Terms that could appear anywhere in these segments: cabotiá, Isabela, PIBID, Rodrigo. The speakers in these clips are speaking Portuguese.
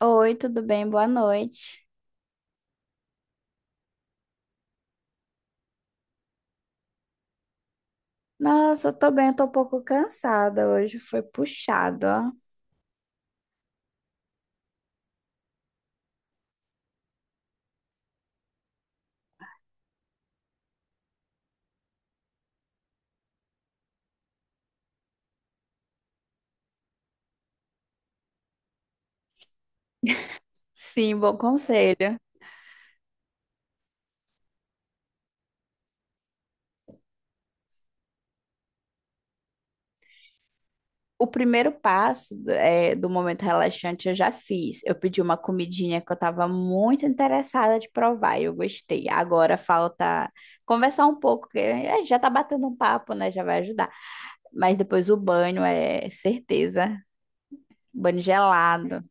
Oi, tudo bem? Boa noite. Nossa, eu tô bem, eu tô um pouco cansada hoje, foi puxado, ó. Sim, bom conselho. O primeiro passo do momento relaxante eu já fiz. Eu pedi uma comidinha que eu tava muito interessada de provar e eu gostei. Agora falta conversar um pouco, que é, já tá batendo um papo, né? Já vai ajudar. Mas depois o banho é certeza. Banho gelado.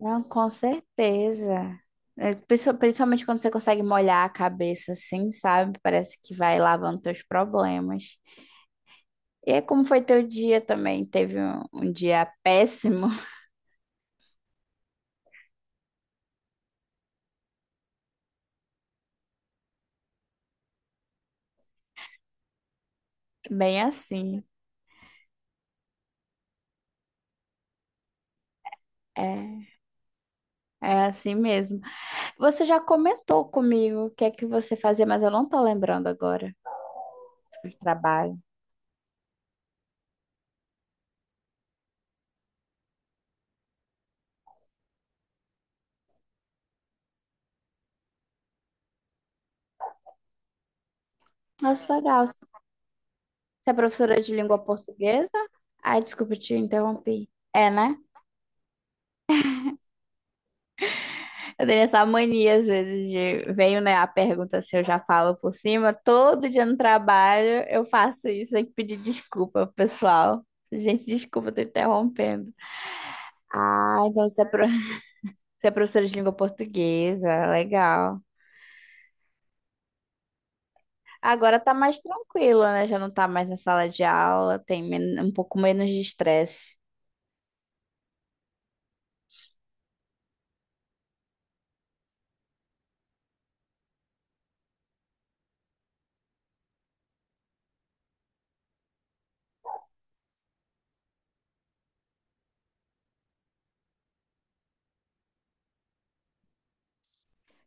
Não, com certeza. É, principalmente quando você consegue molhar a cabeça assim, sabe? Parece que vai lavando teus problemas. E é como foi teu dia também? Teve um dia péssimo? Bem assim. É, é assim mesmo. Você já comentou comigo o que é que você fazia, mas eu não tô lembrando agora do trabalho. Nossa, legal. Você é professora de língua portuguesa? Ai, desculpa, te interrompi. É, né? Eu tenho essa mania, às vezes, de venho, né, a pergunta se eu já falo por cima. Todo dia no trabalho eu faço isso, tenho que pedir desculpa pro pessoal. Gente, desculpa, tô interrompendo. Ah, então você é professora de língua portuguesa, legal. Agora tá mais tranquilo, né? Já não tá mais na sala de aula, tem um pouco menos de estresse.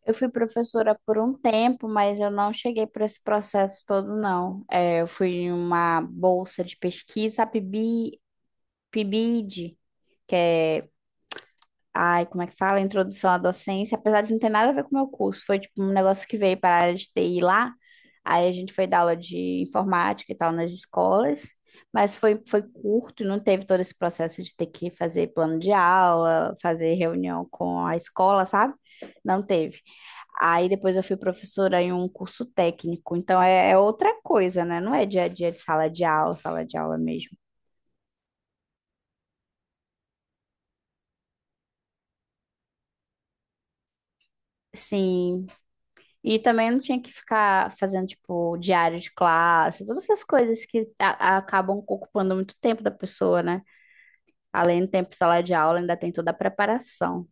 Eu fui professora por um tempo, mas eu não cheguei para esse processo todo, não. É, eu fui em uma bolsa de pesquisa, a PIBID, que é, ai, como é que fala? Introdução à docência, apesar de não ter nada a ver com o meu curso, foi tipo um negócio que veio para a área de TI lá. Aí a gente foi dar aula de informática e tal nas escolas, mas foi curto, não teve todo esse processo de ter que fazer plano de aula, fazer reunião com a escola, sabe? Não teve. Aí depois eu fui professora em um curso técnico, então é outra coisa, né? Não é dia a dia de sala de aula mesmo. Sim, e também não tinha que ficar fazendo, tipo, diário de classe, todas essas coisas que acabam ocupando muito tempo da pessoa, né? Além do tempo de sala de aula, ainda tem toda a preparação.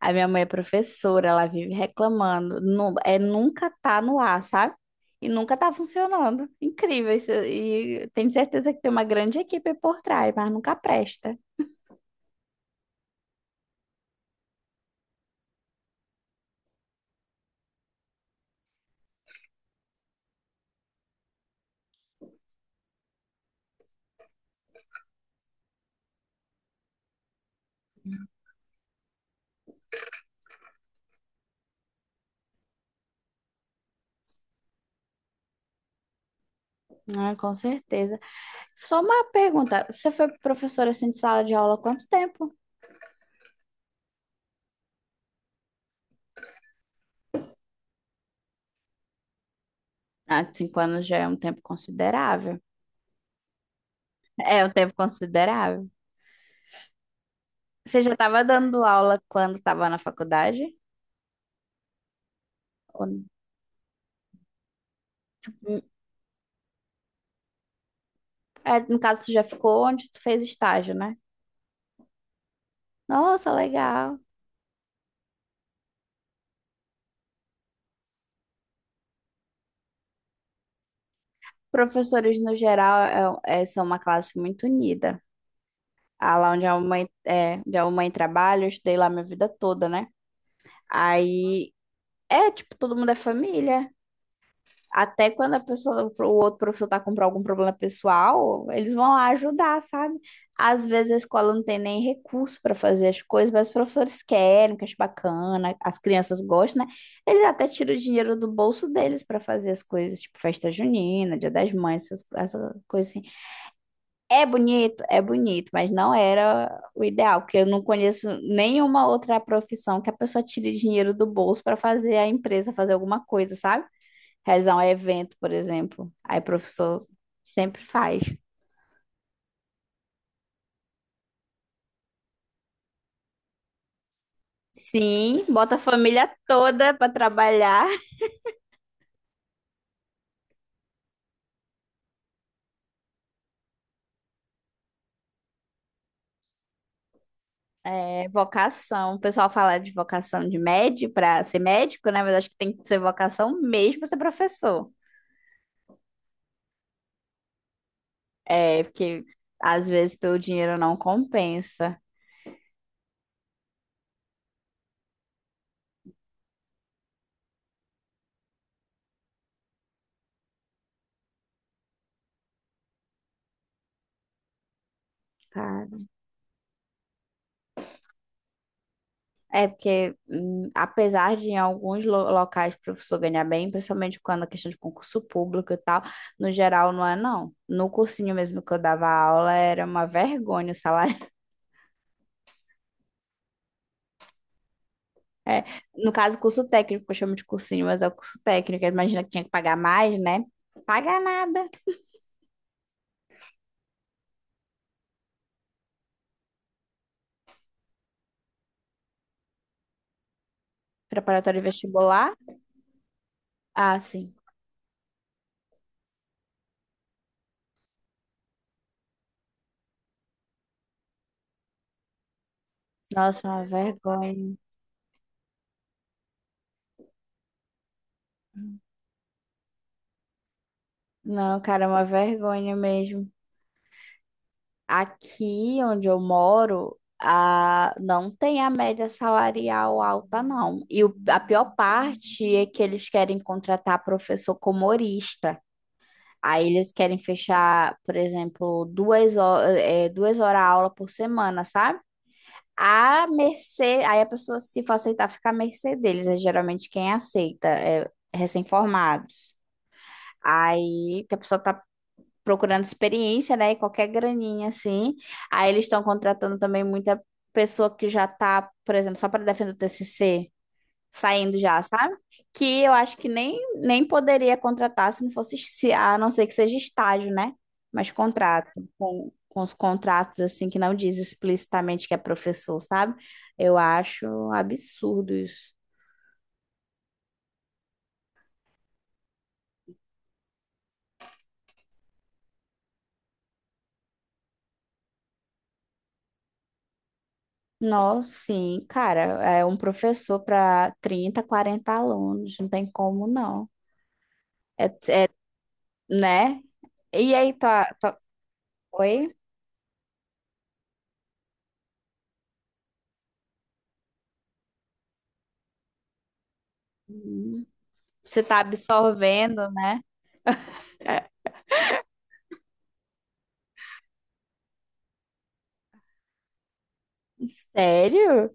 A minha mãe é professora, ela vive reclamando. Nunca tá no ar, sabe? E nunca tá funcionando. Incrível isso. E tenho certeza que tem uma grande equipe por trás, mas nunca presta. Ah, com certeza. Só uma pergunta. Você foi professora assim de sala de aula há quanto tempo? Ah, 5 anos já é um tempo considerável. É um tempo considerável. Você já estava dando aula quando estava na faculdade? Ou- hum, É, no caso, você já ficou onde tu fez estágio, né? Nossa, legal. Professores, no geral, são uma classe muito unida. Ah, lá onde a mãe, é, onde a mãe trabalha, eu estudei lá minha vida toda, né? Aí, é, tipo, todo mundo é família. Até quando a pessoa, o outro professor tá com algum problema pessoal, eles vão lá ajudar, sabe? Às vezes a escola não tem nem recurso para fazer as coisas, mas os professores querem, que acho bacana, as crianças gostam, né? Eles até tiram o dinheiro do bolso deles para fazer as coisas, tipo festa junina, Dia das Mães, essas coisas assim. É bonito, mas não era o ideal, porque eu não conheço nenhuma outra profissão que a pessoa tire dinheiro do bolso para fazer a empresa fazer alguma coisa, sabe? Realizar um evento, por exemplo. Aí o professor sempre faz. Sim, bota a família toda para trabalhar. É, vocação. O pessoal fala de vocação de médico para ser médico, né? Mas acho que tem que ser vocação mesmo para ser professor. É, porque às vezes pelo dinheiro não compensa. Cara. É porque, apesar de em alguns locais o professor ganhar bem, principalmente quando a questão de concurso público e tal, no geral não é não. No cursinho mesmo que eu dava aula era uma vergonha o salário. É, no caso, curso técnico, eu chamo de cursinho, mas é o curso técnico. Imagina que tinha que pagar mais, né? Pagar nada. Preparatório vestibular? Ah, sim. Nossa, uma vergonha. Não, cara, é uma vergonha mesmo. Aqui onde eu moro, a, não tem a média salarial alta, não. E a pior parte é que eles querem contratar professor como horista. Aí eles querem fechar, por exemplo, duas horas aula por semana, sabe? A mercê, aí a pessoa, se for aceitar, fica à mercê deles. É geralmente quem aceita, é recém-formados. Aí que a pessoa tá procurando experiência, né? E qualquer graninha assim. Aí eles estão contratando também muita pessoa que já tá, por exemplo, só para defender o TCC, saindo já, sabe? Que eu acho que nem poderia contratar se não fosse, a não ser que seja estágio, né? Mas contrato, com os contratos assim que não diz explicitamente que é professor, sabe? Eu acho absurdo isso. Nossa, sim, cara, é um professor para 30, 40 alunos, não tem como não. É, né? E aí, tua Oi? Hum, Você tá absorvendo, né? Sério?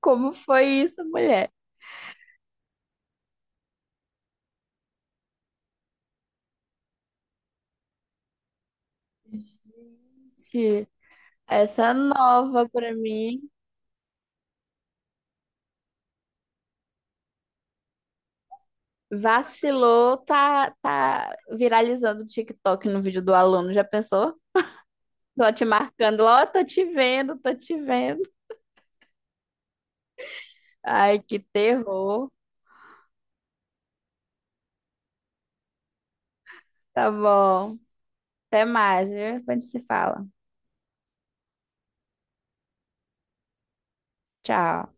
Como foi isso, mulher? Gente, essa é nova pra mim. Vacilou, tá viralizando o TikTok no vídeo do aluno, já pensou? Tô te marcando lá, ó, tô te vendo, tô te vendo. Ai, que terror. Tá bom. Até mais, viu? Depois a gente se fala. Tchau.